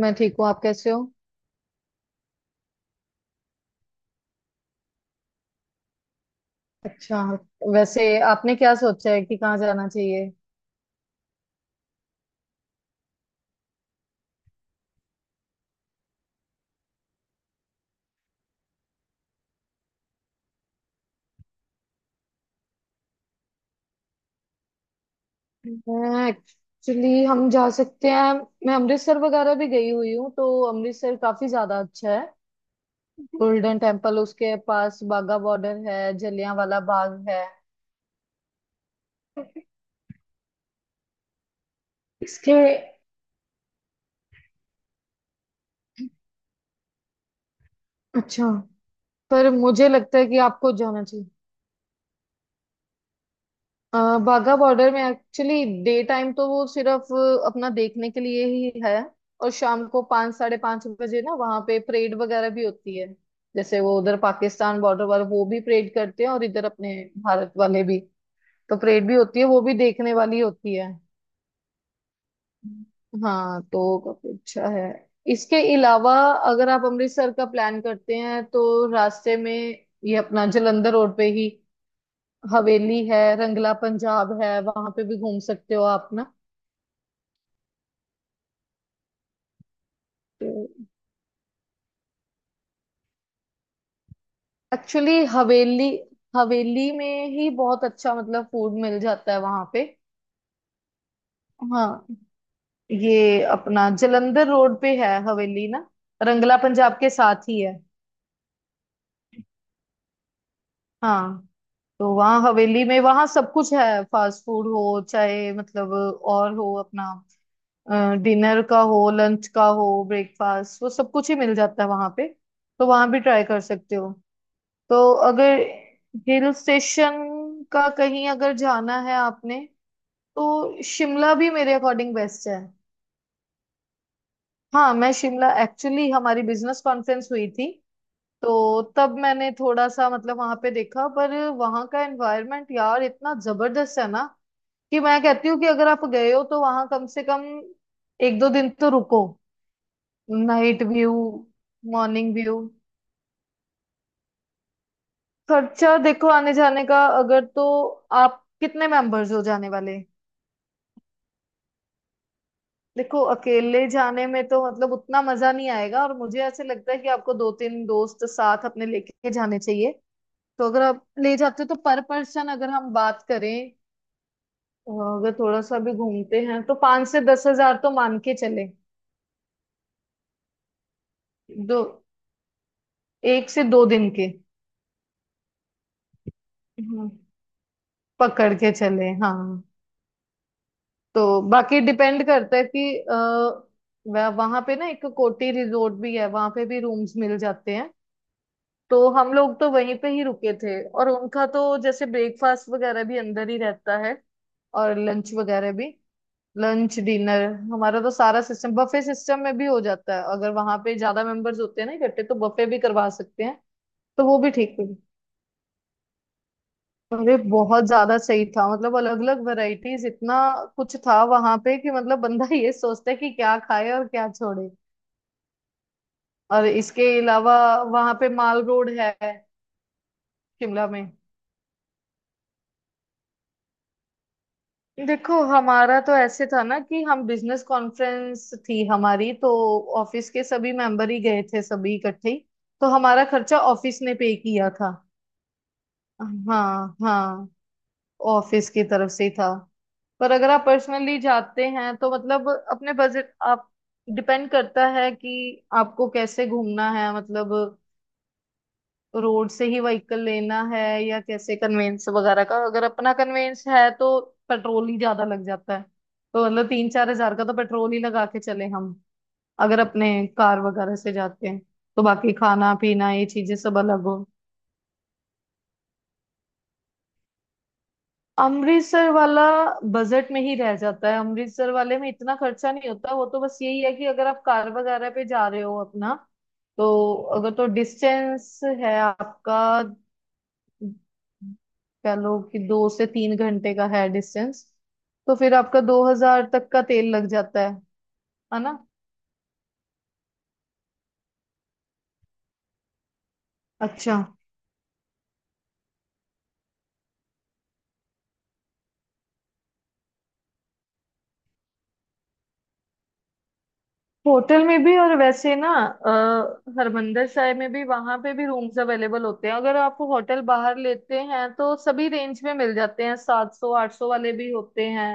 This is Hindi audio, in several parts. मैं ठीक हूँ। आप कैसे हो? अच्छा, वैसे आपने क्या सोचा है कि कहाँ जाना चाहिए? मैं एक्चुअली, हम जा सकते हैं। मैं अमृतसर वगैरह भी गई हुई हूँ, तो अमृतसर काफी ज्यादा अच्छा है। गोल्डन टेम्पल, उसके पास बाघा बॉर्डर है, जलियांवाला बाग है। इसके, अच्छा, पर मुझे लगता है कि आपको जाना चाहिए। बाघा बॉर्डर में एक्चुअली डे टाइम तो वो सिर्फ अपना देखने के लिए ही है। और शाम को 5, 5:30 बजे ना, वहाँ पे परेड वगैरह भी होती है। जैसे वो उधर पाकिस्तान बॉर्डर वाले वो भी परेड करते हैं और इधर अपने भारत वाले भी, तो परेड भी होती है, वो भी देखने वाली होती है। हाँ, तो काफी अच्छा है। इसके अलावा, अगर आप अमृतसर का प्लान करते हैं तो रास्ते में ये अपना जालंधर रोड पे ही हवेली है, रंगला पंजाब है, वहां पे भी घूम सकते हो आप ना। तो एक्चुअली हवेली, हवेली में ही बहुत अच्छा मतलब फूड मिल जाता है वहां पे। हाँ, ये अपना जलंधर रोड पे है हवेली ना, रंगला पंजाब के साथ ही है। हाँ, तो वहाँ हवेली में, वहाँ सब कुछ है। फास्ट फूड हो चाहे मतलब और हो अपना, डिनर का हो, लंच का हो, ब्रेकफास्ट, वो सब कुछ ही मिल जाता है वहाँ पे। तो वहाँ भी ट्राई कर सकते हो। तो अगर हिल स्टेशन का कहीं अगर जाना है आपने, तो शिमला भी मेरे अकॉर्डिंग बेस्ट है। हाँ, मैं शिमला एक्चुअली हमारी बिजनेस कॉन्फ्रेंस हुई थी, तो तब मैंने थोड़ा सा मतलब वहां पे देखा। पर वहां का एनवायरनमेंट यार इतना जबरदस्त है ना, कि मैं कहती हूँ कि अगर आप गए हो तो वहां कम से कम 1, 2 दिन तो रुको। Night view, morning view. खर्चा देखो आने जाने का अगर तो, आप कितने मेंबर्स हो जाने वाले? देखो अकेले जाने में तो मतलब उतना मजा नहीं आएगा, और मुझे ऐसे लगता है कि आपको 2, 3 दोस्त साथ अपने लेके जाने चाहिए। तो अगर आप ले जाते हो तो पर पर्सन अगर हम बात करें, अगर थोड़ा सा भी घूमते हैं तो 5 से 10 हज़ार तो मान के चले। दो, 1 से 2 दिन के। हम्म, पकड़ के चले, हाँ। तो बाकी डिपेंड करता है कि वहाँ पे ना एक कोटी रिजोर्ट भी है, वहां पे भी रूम्स मिल जाते हैं। तो हम लोग तो वहीं पे ही रुके थे, और उनका तो जैसे ब्रेकफास्ट वगैरह भी अंदर ही रहता है, और लंच वगैरह भी, लंच डिनर। हमारा तो सारा सिस्टम बफे सिस्टम में भी हो जाता है, अगर वहां पे ज्यादा मेंबर्स होते हैं ना इकट्ठे तो बफे भी करवा सकते हैं। तो वो भी ठीक है। अरे बहुत ज्यादा सही था, मतलब अलग अलग वैरायटीज, इतना कुछ था वहां पे कि मतलब बंदा ये सोचता है कि क्या खाए और क्या छोड़े। और इसके अलावा वहां पे माल रोड है। शिमला में, देखो हमारा तो ऐसे था ना कि हम बिजनेस कॉन्फ्रेंस थी हमारी, तो ऑफिस के सभी मेंबर ही गए थे, सभी इकट्ठे ही। तो हमारा खर्चा ऑफिस ने पे किया था। हाँ हाँ, ऑफिस की तरफ से ही था। पर अगर आप पर्सनली जाते हैं तो मतलब अपने बजट आप, डिपेंड करता है कि आपको कैसे घूमना है। मतलब रोड से ही व्हीकल लेना है या कैसे, कन्वेंस वगैरह का अगर अपना कन्वेंस है तो पेट्रोल ही ज्यादा लग जाता है। तो मतलब 3, 4 हज़ार का तो पेट्रोल ही लगा के चले हम, अगर अपने कार वगैरह से जाते हैं। तो बाकी खाना पीना ये चीजें सब अलग हो। अमृतसर वाला बजट में ही रह जाता है। अमृतसर वाले में इतना खर्चा नहीं होता। वो तो बस यही है कि अगर आप कार वगैरह पे जा रहे हो अपना, तो अगर तो डिस्टेंस है आपका, कह लो कि 2 से 3 घंटे का है डिस्टेंस, तो फिर आपका 2 हज़ार तक का तेल लग जाता है। है ना? अच्छा, होटल में भी और वैसे ना, हरमंदर साहिब में भी वहां पे भी रूम्स अवेलेबल होते हैं। अगर आप होटल बाहर लेते हैं तो सभी रेंज में मिल जाते हैं, 700, 800 वाले भी होते हैं।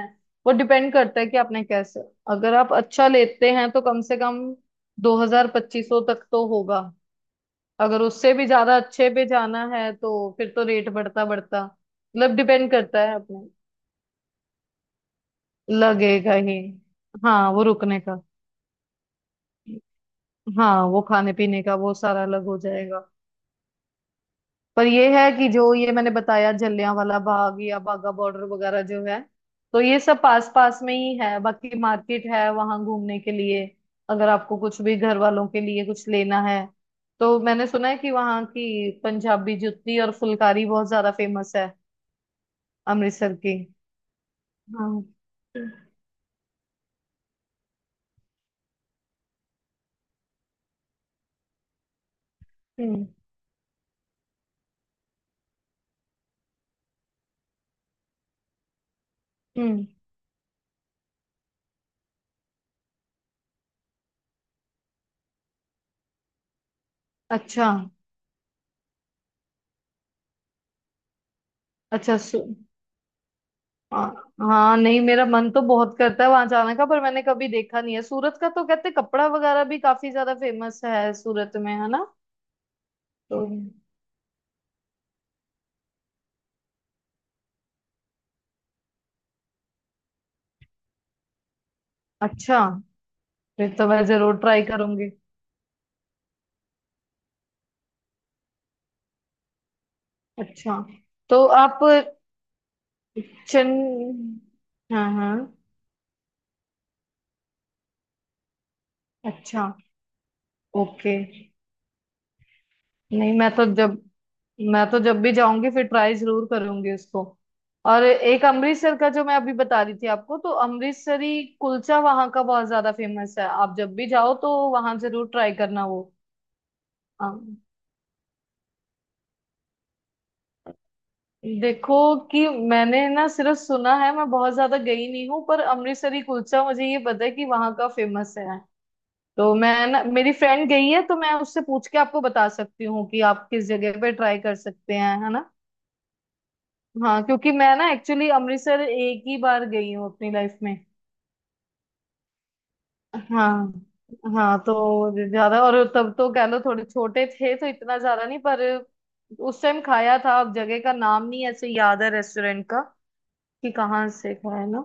वो डिपेंड करता है कि आपने कैसे, अगर आप अच्छा लेते हैं तो कम से कम 2 हज़ार, 2500 तक तो होगा। अगर उससे भी ज्यादा अच्छे पे जाना है तो फिर तो रेट बढ़ता बढ़ता, मतलब डिपेंड करता है अपने। लगेगा ही। हाँ वो रुकने का, हाँ वो खाने पीने का, वो सारा अलग हो जाएगा। पर ये है कि जो ये मैंने बताया, जलियांवाला बाग या बागा बॉर्डर वगैरह जो है, तो ये सब पास पास में ही है। बाकी मार्केट है वहां घूमने के लिए, अगर आपको कुछ भी घर वालों के लिए कुछ लेना है। तो मैंने सुना है कि वहाँ की पंजाबी जुत्ती और फुलकारी बहुत ज्यादा फेमस है अमृतसर की। हाँ। हम्म। हम्म। अच्छा। अच्छा। हाँ। हाँ, नहीं मेरा मन तो बहुत करता है वहां जाने का, पर मैंने कभी देखा नहीं है सूरत का। तो कहते कपड़ा वगैरह भी काफी ज्यादा फेमस है सूरत में, है ना? तो अच्छा, फिर तो मैं जरूर ट्राई करूंगी। अच्छा, तो आप चेन। हाँ हाँ। अच्छा, ओके। नहीं, मैं तो जब, मैं तो जब भी जाऊंगी फिर ट्राई जरूर करूंगी उसको। और एक अमृतसर का जो मैं अभी बता रही थी आपको, तो अमृतसरी कुलचा वहां का बहुत ज्यादा फेमस है। आप जब भी जाओ तो वहां जरूर ट्राई करना वो। अम, देखो, कि मैंने ना सिर्फ सुना है, मैं बहुत ज्यादा गई नहीं हूँ। पर अमृतसरी कुलचा मुझे ये पता है कि वहां का फेमस है। तो मैं ना, मेरी फ्रेंड गई है, तो मैं उससे पूछ के आपको बता सकती हूँ कि आप किस जगह पे ट्राई कर सकते हैं, है ना? हाँ, क्योंकि मैं ना एक्चुअली अमृतसर एक ही बार गई हूँ अपनी लाइफ में। हाँ। हाँ तो ज्यादा, और तब तो कह लो थोड़े छोटे थे तो इतना ज्यादा नहीं। पर उस टाइम खाया था, अब जगह का नाम नहीं ऐसे याद है रेस्टोरेंट का, कि कहाँ से खाया ना।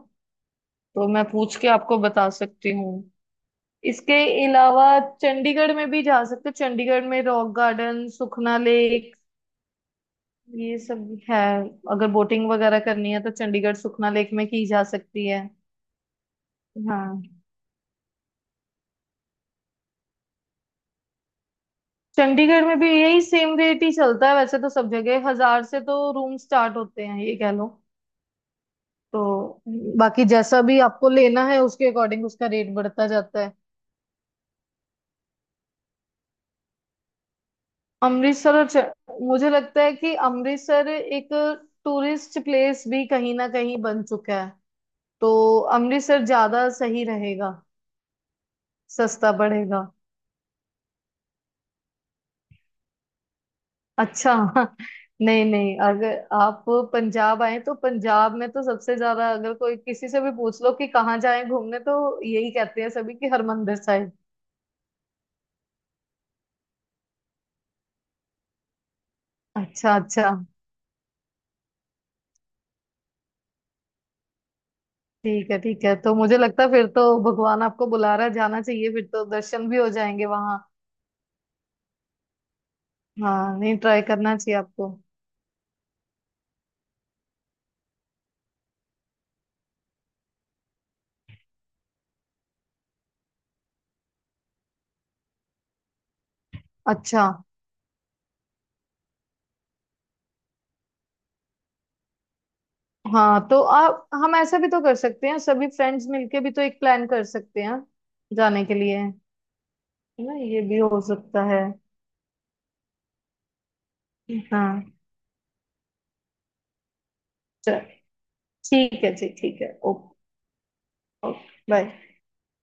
तो मैं पूछ के आपको बता सकती हूँ। इसके अलावा चंडीगढ़ में भी जा सकते हो। चंडीगढ़ में रॉक गार्डन, सुखना लेक, ये सब है। अगर बोटिंग वगैरह करनी है तो चंडीगढ़ सुखना लेक में की जा सकती है। हाँ, चंडीगढ़ में भी यही सेम रेट ही चलता है। वैसे तो सब जगह हजार से तो रूम स्टार्ट होते हैं, ये कह लो। तो बाकी जैसा भी आपको लेना है उसके अकॉर्डिंग उसका रेट बढ़ता जाता है। अमृतसर और च- मुझे लगता है कि अमृतसर एक टूरिस्ट प्लेस भी कहीं ना कहीं बन चुका है। तो अमृतसर ज्यादा सही रहेगा, सस्ता पड़ेगा। अच्छा। नहीं नहीं, अगर आप पंजाब आए तो पंजाब में तो सबसे ज्यादा, अगर कोई किसी से भी पूछ लो कि कहाँ जाएं घूमने, तो यही कहते हैं सभी कि हरमंदिर साहिब। अच्छा अच्छा। ठीक है ठीक है, तो मुझे लगता है फिर तो भगवान आपको बुला रहा है, जाना चाहिए, फिर तो दर्शन भी हो जाएंगे वहां। हाँ, नहीं ट्राई करना चाहिए आपको। अच्छा। हाँ तो आप, हम ऐसा भी तो कर सकते हैं, सभी फ्रेंड्स मिलके भी तो एक प्लान कर सकते हैं जाने के लिए, है ना? ये भी हो सकता है। हाँ, ठीक है जी, ठीक है, ओके। Okay, bye.